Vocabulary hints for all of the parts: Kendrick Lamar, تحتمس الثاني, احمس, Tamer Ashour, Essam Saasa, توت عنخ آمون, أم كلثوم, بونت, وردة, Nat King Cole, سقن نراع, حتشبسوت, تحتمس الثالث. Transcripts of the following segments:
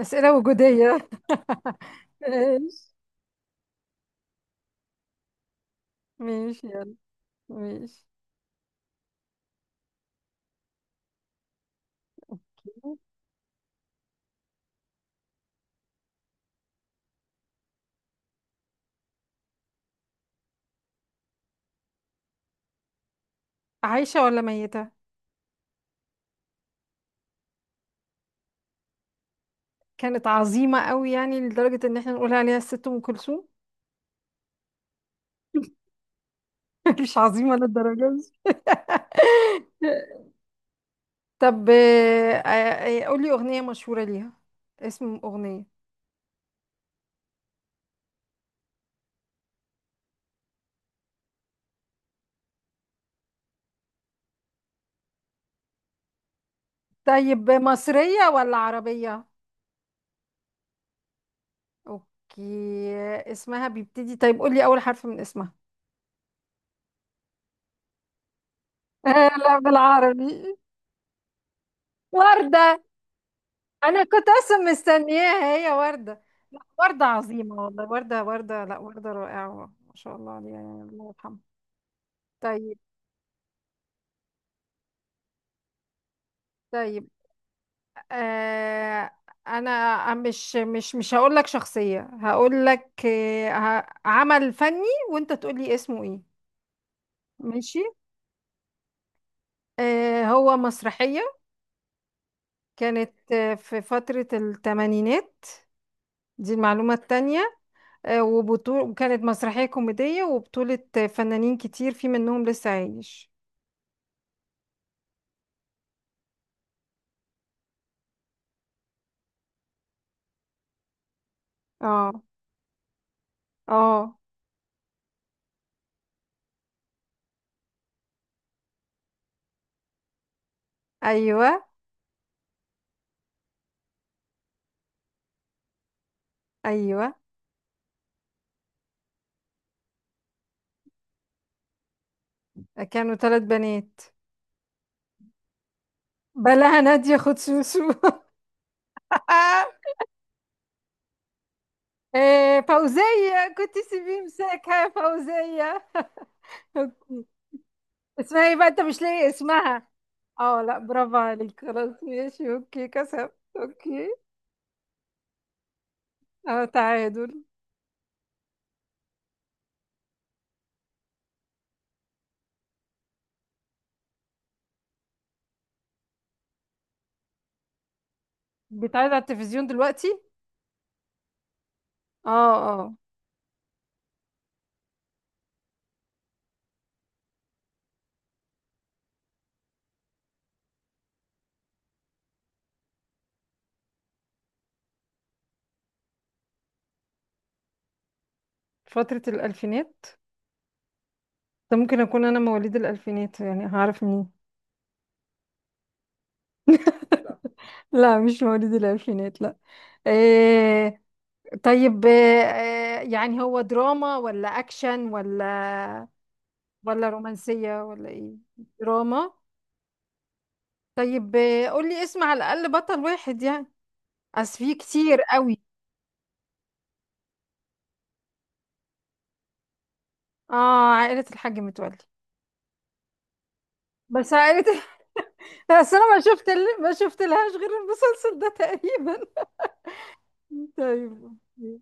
أسئلة وجودية ماشي. ماشي، يلا. ماشي. عايشة ولا ميتة؟ كانت عظيمة قوي يعني لدرجة ان احنا نقول عليها الست ام كلثوم. مش عظيمة للدرجة دي. طب قولي أغنية مشهورة ليها، اسم أغنية. طيب مصرية ولا عربية؟ اوكي. اسمها بيبتدي، طيب قولي أول حرف من اسمها. لا، بالعربي. وردة. انا كنت اصلا مستنياها هي وردة. لا وردة عظيمة والله، وردة وردة، لا وردة رائعة. ما شاء الله عليها يعني، الله يرحمها. طيب. طيب آه، انا مش هقول لك شخصية، هقول لك عمل فني وانت تقول لي اسمه ايه. ماشي. آه هو مسرحية، كانت آه في فترة الثمانينات، دي المعلومة التانية. آه وبطول، وكانت مسرحية كوميدية وبطولة فنانين كتير، في منهم لسه عايش. اه. اه. ايوه. ايوه. كانوا ثلاث بنات. بلاها نادية خد سوسو. إيه فوزية، كنت سيبيه مساكها يا فوزية. اوكي، اسمها ايه بقى، انت مش لاقي اسمها؟ اه، لا برافو عليك. خلاص ماشي، اوكي كسبت. اوكي. اه تعادل. بيتعرض على التلفزيون دلوقتي؟ اه. اه. فترة الألفينات؟ ده ممكن أكون أنا مواليد الألفينات، يعني هعرف منين؟ لا مش مواليد الألفينات، لا. إيه؟ طيب آه، يعني هو دراما ولا أكشن ولا، ولا رومانسية ولا إيه؟ دراما. طيب آه، قولي اسم على الأقل بطل واحد يعني، أصل في كتير قوي. آه عائلة الحاج متولي. بس عائلة. بس أنا ما شفت، لهاش غير المسلسل ده تقريبا. طيب. أوكي.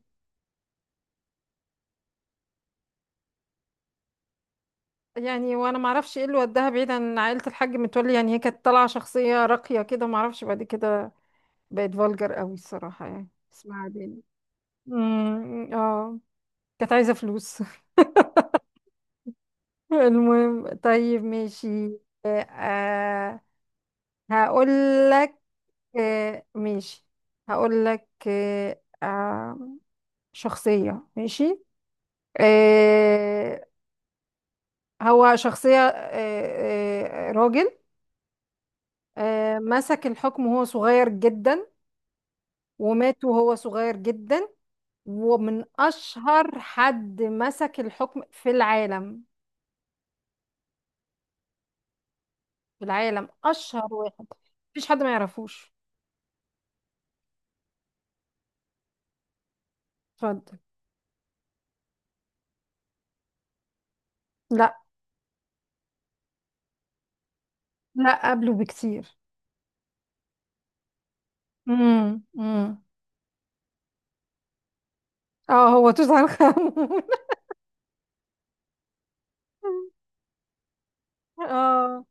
يعني وانا ما اعرفش ايه اللي وداها بعيد عن عائلة الحاج متولي، يعني هي كانت طالعة شخصية راقية كده، ما اعرفش بعد كده بقت فولجر قوي الصراحة يعني اسمها. مم، اه. كانت عايزة فلوس. المهم، طيب ماشي. آه، هقول لك. آه ماشي، هقول لك آه، شخصية. ماشي. آه هو شخصية راجل، آه مسك الحكم وهو صغير جدا ومات وهو صغير جدا، ومن أشهر حد مسك الحكم في العالم. في العالم؟ أشهر واحد، مفيش حد ما يعرفوش. اتفضل. لا. لا قبله بكتير. امم، امم. اه هو توت عنخ آمون. اه.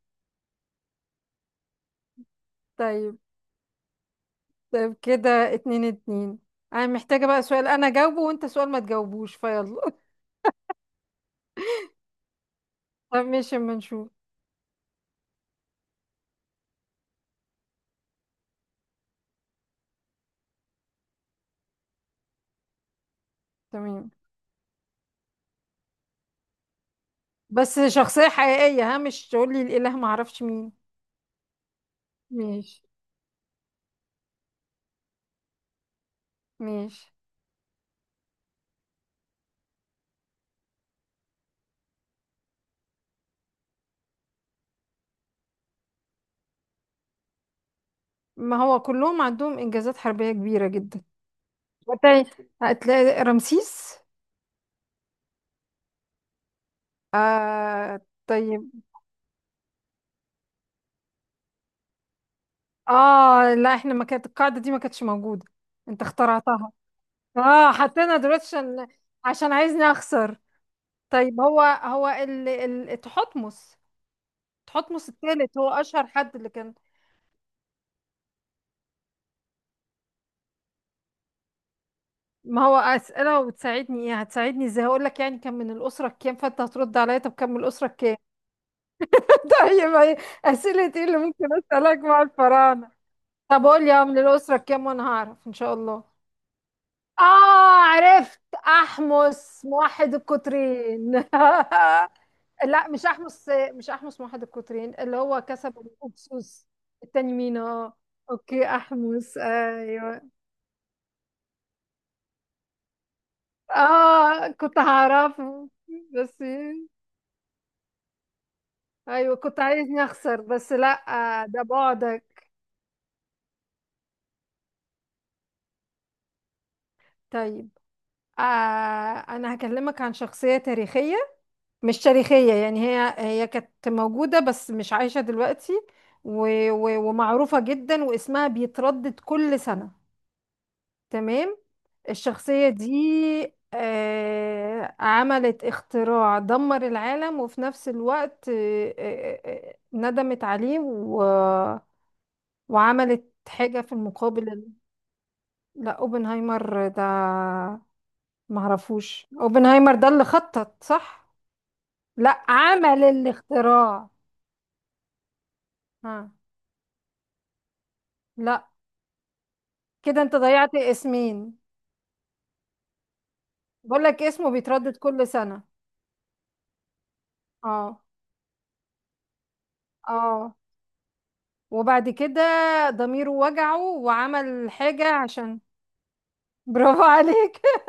طيب. طيب كده اتنين اتنين، انا محتاجة بقى سؤال انا جاوبه وانت سؤال ما تجاوبوش فيلا. طب ماشي، اما نشوف. تمام. بس شخصية حقيقية، ها، مش تقول لي الاله ما اعرفش مين. ماشي. ماشي. ما هو كلهم عندهم انجازات حربية كبيرة جدا. وتاني، هتلاقي رمسيس. آه. طيب. اه لا، احنا ما كانت القاعدة دي، ما كانتش موجودة. انت اخترعتها، اه حطينا دلوقتي عشان، عشان عايزني اخسر. طيب هو هو تحتمس. تحتمس الثالث هو اشهر حد اللي كان. ما هو اسئله وتساعدني، ايه هتساعدني ازاي؟ هقول لك يعني كان من الاسره كام، فانت هترد عليا طب كان من الاسره كام. طيب ايه اسئله ايه اللي ممكن اسالك مع الفراعنه؟ طب قول لي اه من الاسره كام وانا هعرف ان شاء الله. اه، عرفت. احمس موحد القطرين. لا مش احمس، مش احمس موحد القطرين اللي هو كسب الاكسوس. التاني مين؟ اه. اوكي احمس، ايوه. اه كنت هعرفه. بس. ايوه كنت عايزني اخسر، بس لا. آه، ده بعدك. طيب آه، انا هكلمك عن شخصية تاريخية. مش تاريخية يعني هي، هي كانت موجودة بس مش عايشة دلوقتي، و... ومعروفة جدا واسمها بيتردد كل سنة. تمام. الشخصية دي عملت اختراع دمر العالم، وفي نفس الوقت ندمت عليه، و... وعملت حاجة في المقابل. لا اوبنهايمر ده، معرفوش اوبنهايمر ده اللي خطط، صح؟ لا عمل الاختراع. ها. لا كده انت ضيعت اسمين. بقول لك اسمه بيتردد كل سنة. اه. اه، وبعد كده ضميره وجعه وعمل حاجة عشان. برافو عليك.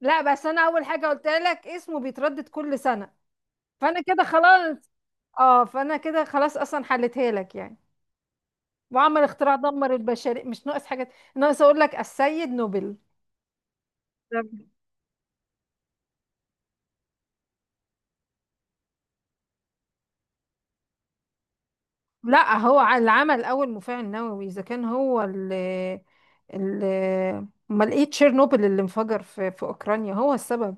لا بس انا اول حاجة قلت لك اسمه بيتردد كل سنة، فانا كده خلاص. اه فانا كده خلاص، اصلا حلتها لك يعني. وعمل اختراع دمر البشرية، مش ناقص حاجة ناقص اقول لك السيد نوبل. لا هو اللي عمل اول مفاعل نووي، اذا كان هو اللي، اللي، امال ايه تشيرنوبل اللي انفجر في اوكرانيا هو السبب.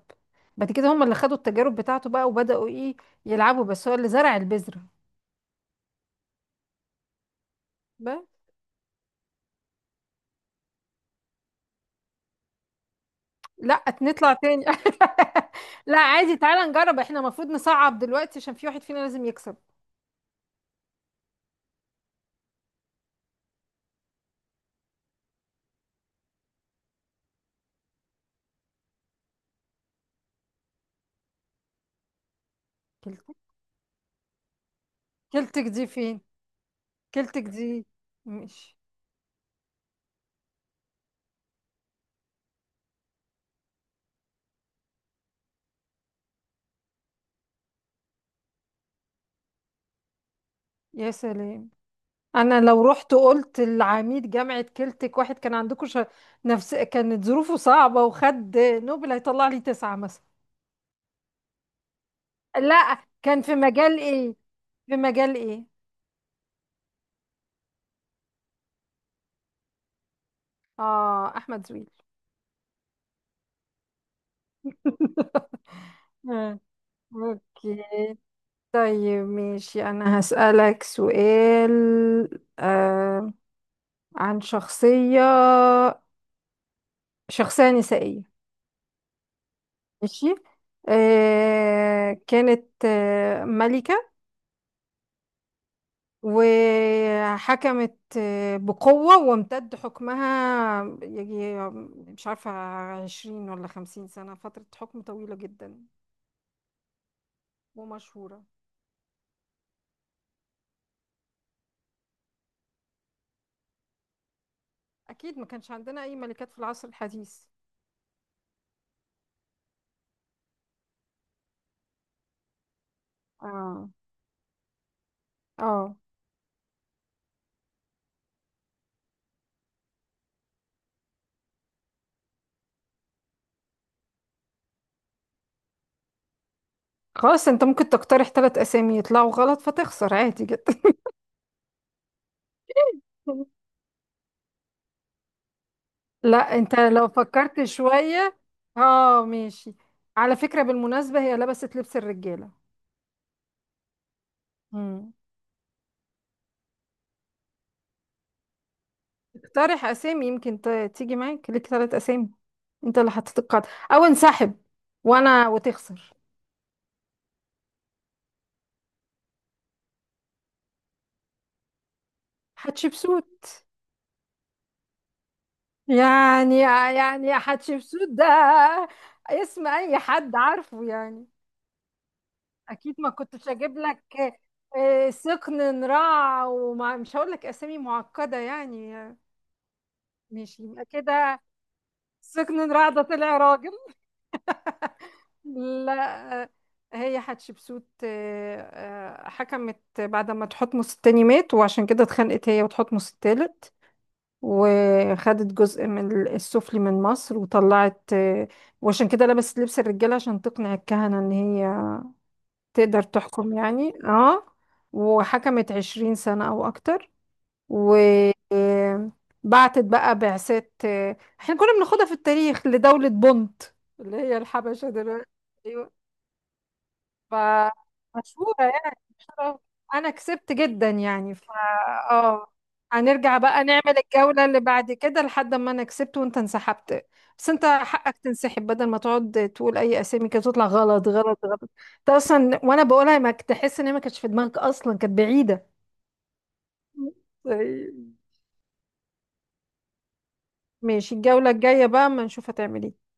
بعد كده هم اللي خدوا التجارب بتاعته بقى وبداوا ايه يلعبوا، بس هو اللي زرع البذره. بقى. لا نطلع تاني. لا عادي، تعالى نجرب، احنا المفروض نصعب دلوقتي عشان في واحد فينا لازم يكسب. كلتك؟ كلتك دي فين؟ كلتك دي. ماشي. يا سلام. انا لو رحت قلت لعميد جامعة كلتك واحد كان عندكم نفس كانت ظروفه صعبة وخد نوبل، هيطلع لي تسعة مثلا. لا كان في مجال ايه؟ في مجال ايه؟ اه احمد زويل. آه. اوكي، طيب ماشي، انا هسألك سؤال آه عن شخصية، شخصية نسائية. ماشي. آه كانت آه ملكة، وحكمت بقوة وامتد حكمها يجي، مش عارفة، 20 ولا 50 سنة، فترة حكم طويلة جدا، ومشهورة. أكيد ما كانش عندنا أي ملكات في العصر الحديث. اه. اه. خلاص، انت ممكن تقترح ثلاث أسامي يطلعوا غلط فتخسر عادي جدا. لا انت لو فكرت شوية، اه ماشي. على فكرة بالمناسبة هي لبست لبس الرجالة. مم. اقترح أسامي، يمكن تيجي معاك، ليك ثلاث أسامي، انت اللي حطيت القاعدة او انسحب، وانا، وتخسر. حتشبسوت. يعني يعني حتشبسوت ده اسم اي حد عارفه يعني. اكيد ما كنتش اجيب لك آه، سقن نراع وما، مش هقول لك اسامي معقدة يعني. ماشي يبقى كده، سقن نراع ده طلع راجل. لا آه، هي حتشبسوت، آه، حكمت بعد ما تحتمس التاني مات، وعشان كده اتخانقت هي وتحتمس التالت وخدت جزء من السفلي من مصر وطلعت. وعشان كده لبست لبس الرجالة عشان تقنع الكهنة ان هي تقدر تحكم يعني، اه. وحكمت 20 سنة او اكتر، و، بعتت بقى بعثات احنا كنا بناخدها في التاريخ لدولة بونت، اللي هي الحبشة دلوقتي. ايوه. فمشهورة، انا كسبت جدا يعني ف. اه. هنرجع بقى نعمل الجولة اللي بعد كده، لحد ما انا كسبت وانت انسحبت. بس انت حقك تنسحب بدل ما تقعد تقول اي اسامي كده تطلع غلط غلط غلط. انت اصلا وانا بقولها ما كنت تحس ان هي ما كانتش في دماغك اصلا، كانت بعيدة. طيب. ماشي الجولة الجاية بقى، ما نشوف هتعمل ايه.